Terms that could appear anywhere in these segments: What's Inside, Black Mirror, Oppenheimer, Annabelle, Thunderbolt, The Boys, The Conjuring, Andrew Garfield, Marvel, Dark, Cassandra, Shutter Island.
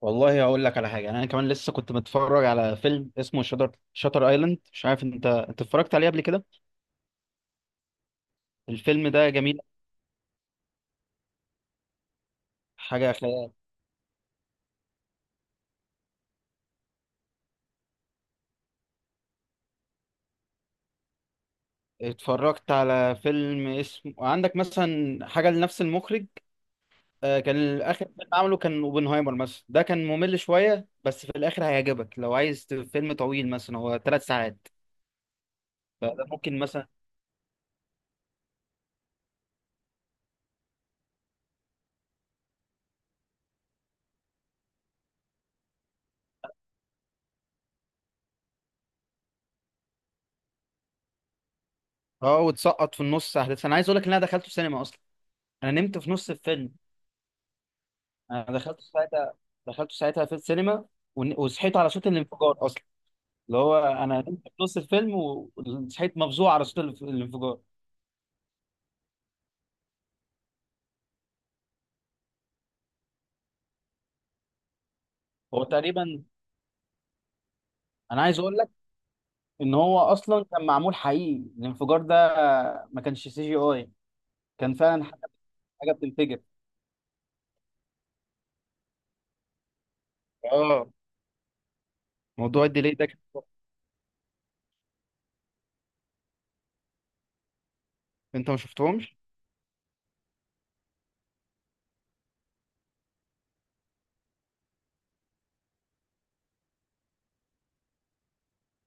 والله هقول لك على حاجه. يعني انا كمان لسه كنت متفرج على فيلم اسمه شاتر ايلاند، مش عارف انت اتفرجت عليه قبل كده؟ الفيلم ده جميل، حاجه خيال. اتفرجت على فيلم اسمه، عندك مثلا حاجه لنفس المخرج؟ كان اخر فيلم عمله كان اوبنهايمر مثلا، ده كان ممل شويه بس في الاخر هيعجبك لو عايز فيلم طويل، مثلا هو 3 ساعات. فده ممكن مثلا. اه وتسقط في النص احداث. انا عايز اقول لك ان انا دخلته سينما اصلا، انا نمت في نص الفيلم. انا دخلت ساعتها في السينما. وصحيت على صوت الانفجار اصلا، اللي هو انا نمت في نص الفيلم وصحيت مفزوع على صوت الانفجار. هو تقريبا، انا عايز اقول لك ان هو اصلا كان معمول حقيقي الانفجار ده، ما كانش CGI، كان فعلا حاجه، حاجه بتنفجر. اه، موضوع الديلي ده، انت ما شفتهمش.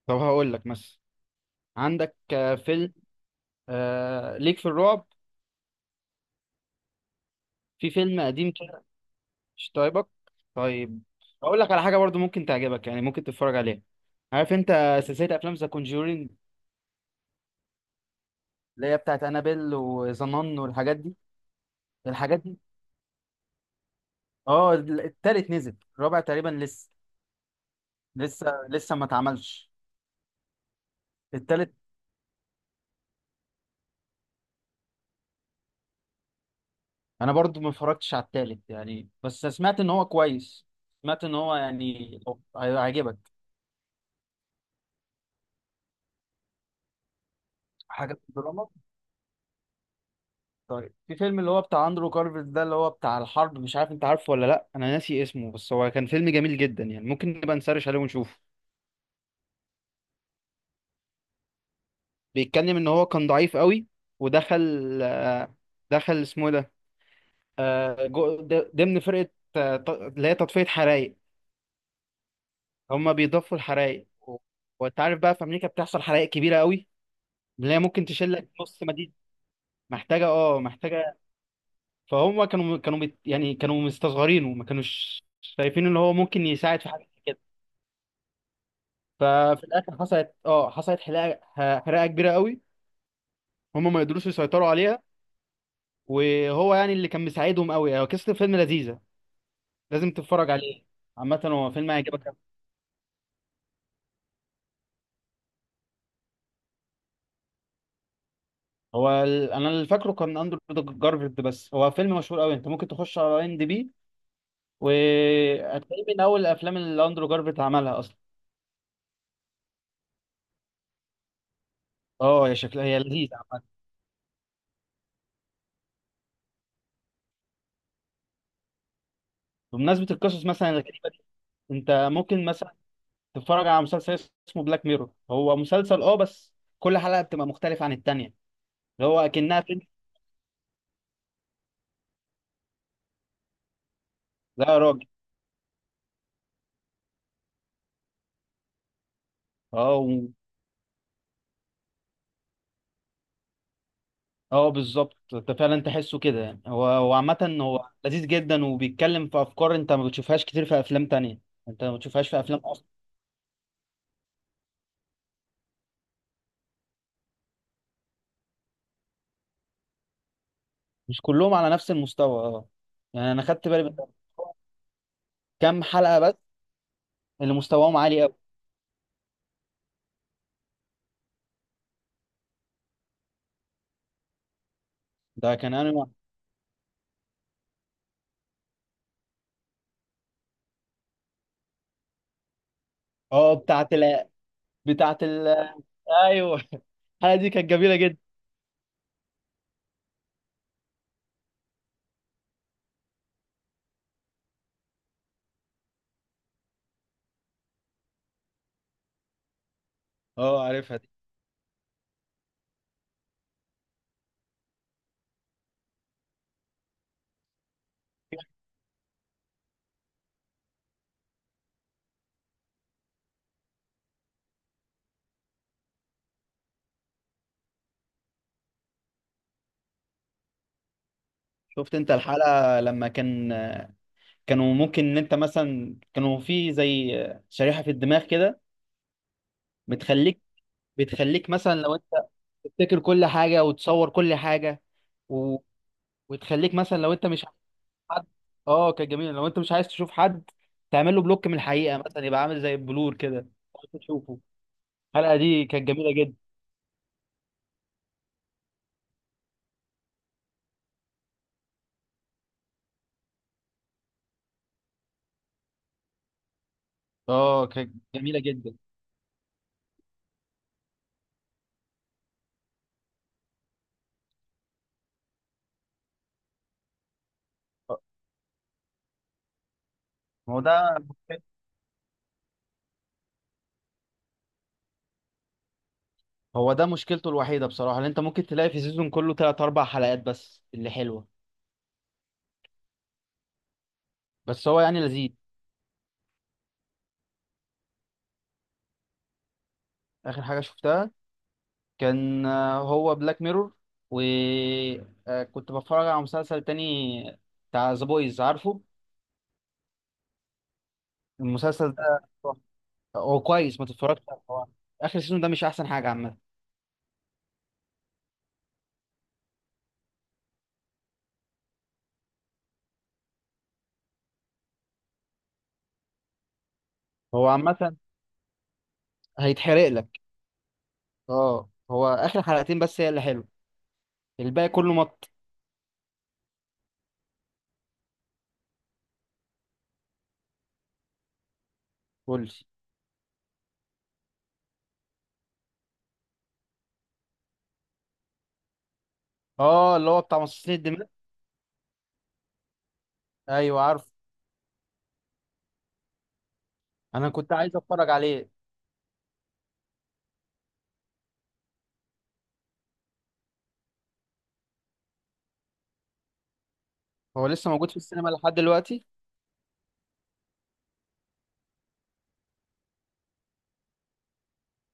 طب هقول لك مثلا، عندك فيلم ليك في الرعب، في فيلم قديم. مش طيبك؟ طيب، اقول لك على حاجه برضو ممكن تعجبك، يعني ممكن تتفرج عليها. عارف انت سلسله افلام ذا كونجورينج، اللي هي بتاعت انابيل وظنان والحاجات دي، الحاجات دي. اه، التالت نزل، الرابع تقريبا لسه ما اتعملش. التالت انا برضو ما اتفرجتش على التالت يعني، بس سمعت ان هو كويس، سمعت ان هو يعني هيعجبك. حاجه في الدراما. طيب، في فيلم اللي هو بتاع اندرو كارفيت ده، اللي هو بتاع الحرب، مش عارف انت عارفه ولا لا، انا ناسي اسمه بس هو كان فيلم جميل جدا يعني، ممكن نبقى نسرش عليه ونشوفه. بيتكلم ان هو كان ضعيف قوي، ودخل آه، دخل اسمه إيه ده، ضمن فرقة، اللي هي تطفية حرائق. هما بيضفوا الحرائق و- وانت عارف بقى في امريكا بتحصل حرائق كبيرة قوي، اللي هي ممكن تشيلك نص مدينة. محتاجة. فهم كانوا يعني كانوا مستصغرينه، ما كانوش شايفين ان هو ممكن يساعد في حاجة كده. ففي الاخر حصلت حرقه، حرقه كبيره قوي، هم ما قدروش يسيطروا عليها، وهو يعني اللي كان مساعدهم قوي. هو قصه الفيلم لذيذه، لازم تتفرج عليه، عامه هو فيلم هيعجبك أوي. انا اللي فاكره كان اندرو جارفيلد، بس هو فيلم مشهور قوي، انت ممكن تخش على IMDB وهتلاقيه من اول الافلام اللي اندرو جارفيلد عملها اصلا. اه يا، شكلها هي لذيذه عامه. بمناسبه القصص مثلا الغريبه دي، انت ممكن مثلا تتفرج على مسلسل اسمه بلاك ميرور. هو مسلسل، بس كل حلقه بتبقى مختلفه عن التانيه، هو اكنها فيلم. لا يا راجل. اه اه، بالظبط، انت فعلا تحسه كده يعني. هو عامة هو لذيذ جدا، وبيتكلم في افكار انت ما بتشوفهاش كتير في افلام تانية، انت ما بتشوفهاش في افلام اصلا. مش كلهم على نفس المستوى. اه يعني انا خدت بالي من كام حلقة بس اللي مستواهم عالي قوي. ده كان انا. اه، بتاعت ال ايوه الحلقة دي كانت جميلة جدا. اه، عارفها دي. شفت انت الحلقة لما كانوا ممكن ان انت مثلا، كانوا في زي شريحة في الدماغ كده، بتخليك بتخليك مثلا لو انت تفتكر كل حاجه وتصور كل حاجه. و... وتخليك مثلا لو انت مش عايز حد. اه، كانت جميله. لو انت مش عايز تشوف حد، تعمل له بلوك من الحقيقه، مثلا يبقى عامل زي البلور كده، عايز تشوفه. الحلقه دي كانت جميله جدا، اه، كانت جميله جدا. ما هو ده هو ده مشكلته الوحيده بصراحه، اللي انت ممكن تلاقي في سيزون كله ثلاث اربع حلقات بس اللي حلوه، بس هو يعني لذيذ. اخر حاجه شفتها كان هو بلاك ميرور، وكنت بتفرج على مسلسل تاني بتاع ذا بويز، عارفه المسلسل ده؟ هو كويس، ما تتفرجش عليه. هو اخر سيزون ده مش احسن حاجه عامه، هو عامه هيتحرق لك. اه، هو اخر حلقتين بس هي اللي حلو، الباقي كله مط. قول. اه، اللي هو بتاع مصاصين الدماء. ايوه عارف. انا كنت عايز اتفرج عليه، هو لسه موجود في السينما لحد دلوقتي؟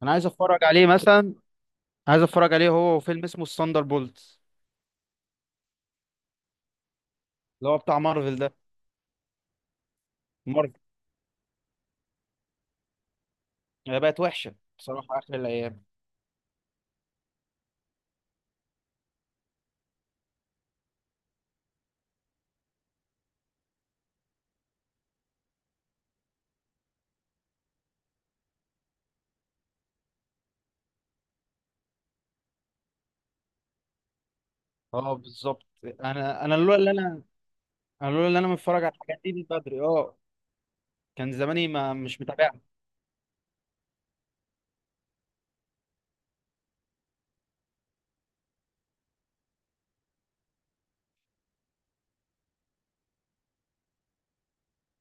انا عايز اتفرج عليه مثلا، عايز اتفرج عليه، هو فيلم اسمه الثاندر بولت، اللي هو بتاع مارفل ده، هي بقت وحشه بصراحه اخر الايام. اه بالظبط. انا لولا اللي انا متفرج على الحاجات دي من بدري، اه كان زماني ما مش متابعها.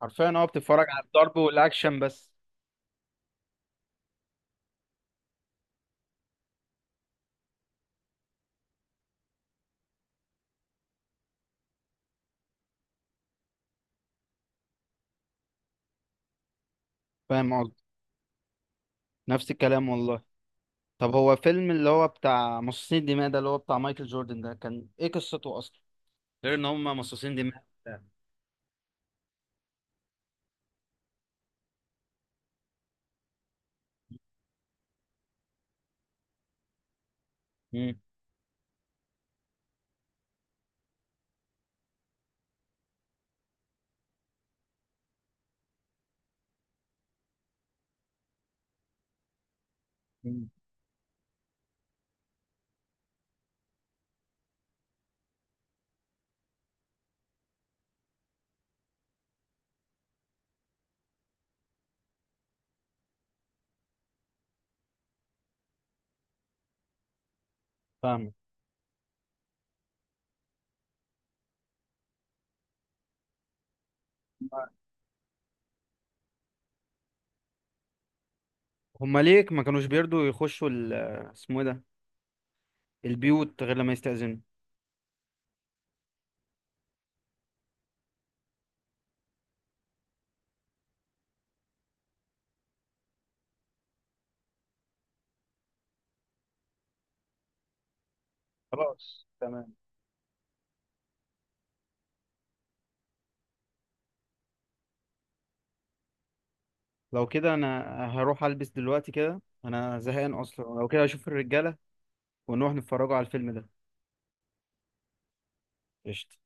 حرفيا، بتتفرج على الضرب والاكشن بس. فاهم قصدي، نفس الكلام والله. طب هو فيلم اللي هو بتاع مصاصين الدماء ده، اللي هو بتاع مايكل جوردن ده، كان ايه قصته اصلا غير ان هم مصاصين دماء؟ امم فاهم. هم ليه ما كانوش بيرضوا يخشوا اسمه ايه ده، البيوت غير لما يستأذنوا؟ خلاص تمام. لو كده انا هروح البس دلوقتي كده، انا زهقان اصلا، لو كده اشوف الرجاله ونروح نتفرجوا على الفيلم ده. قشطة.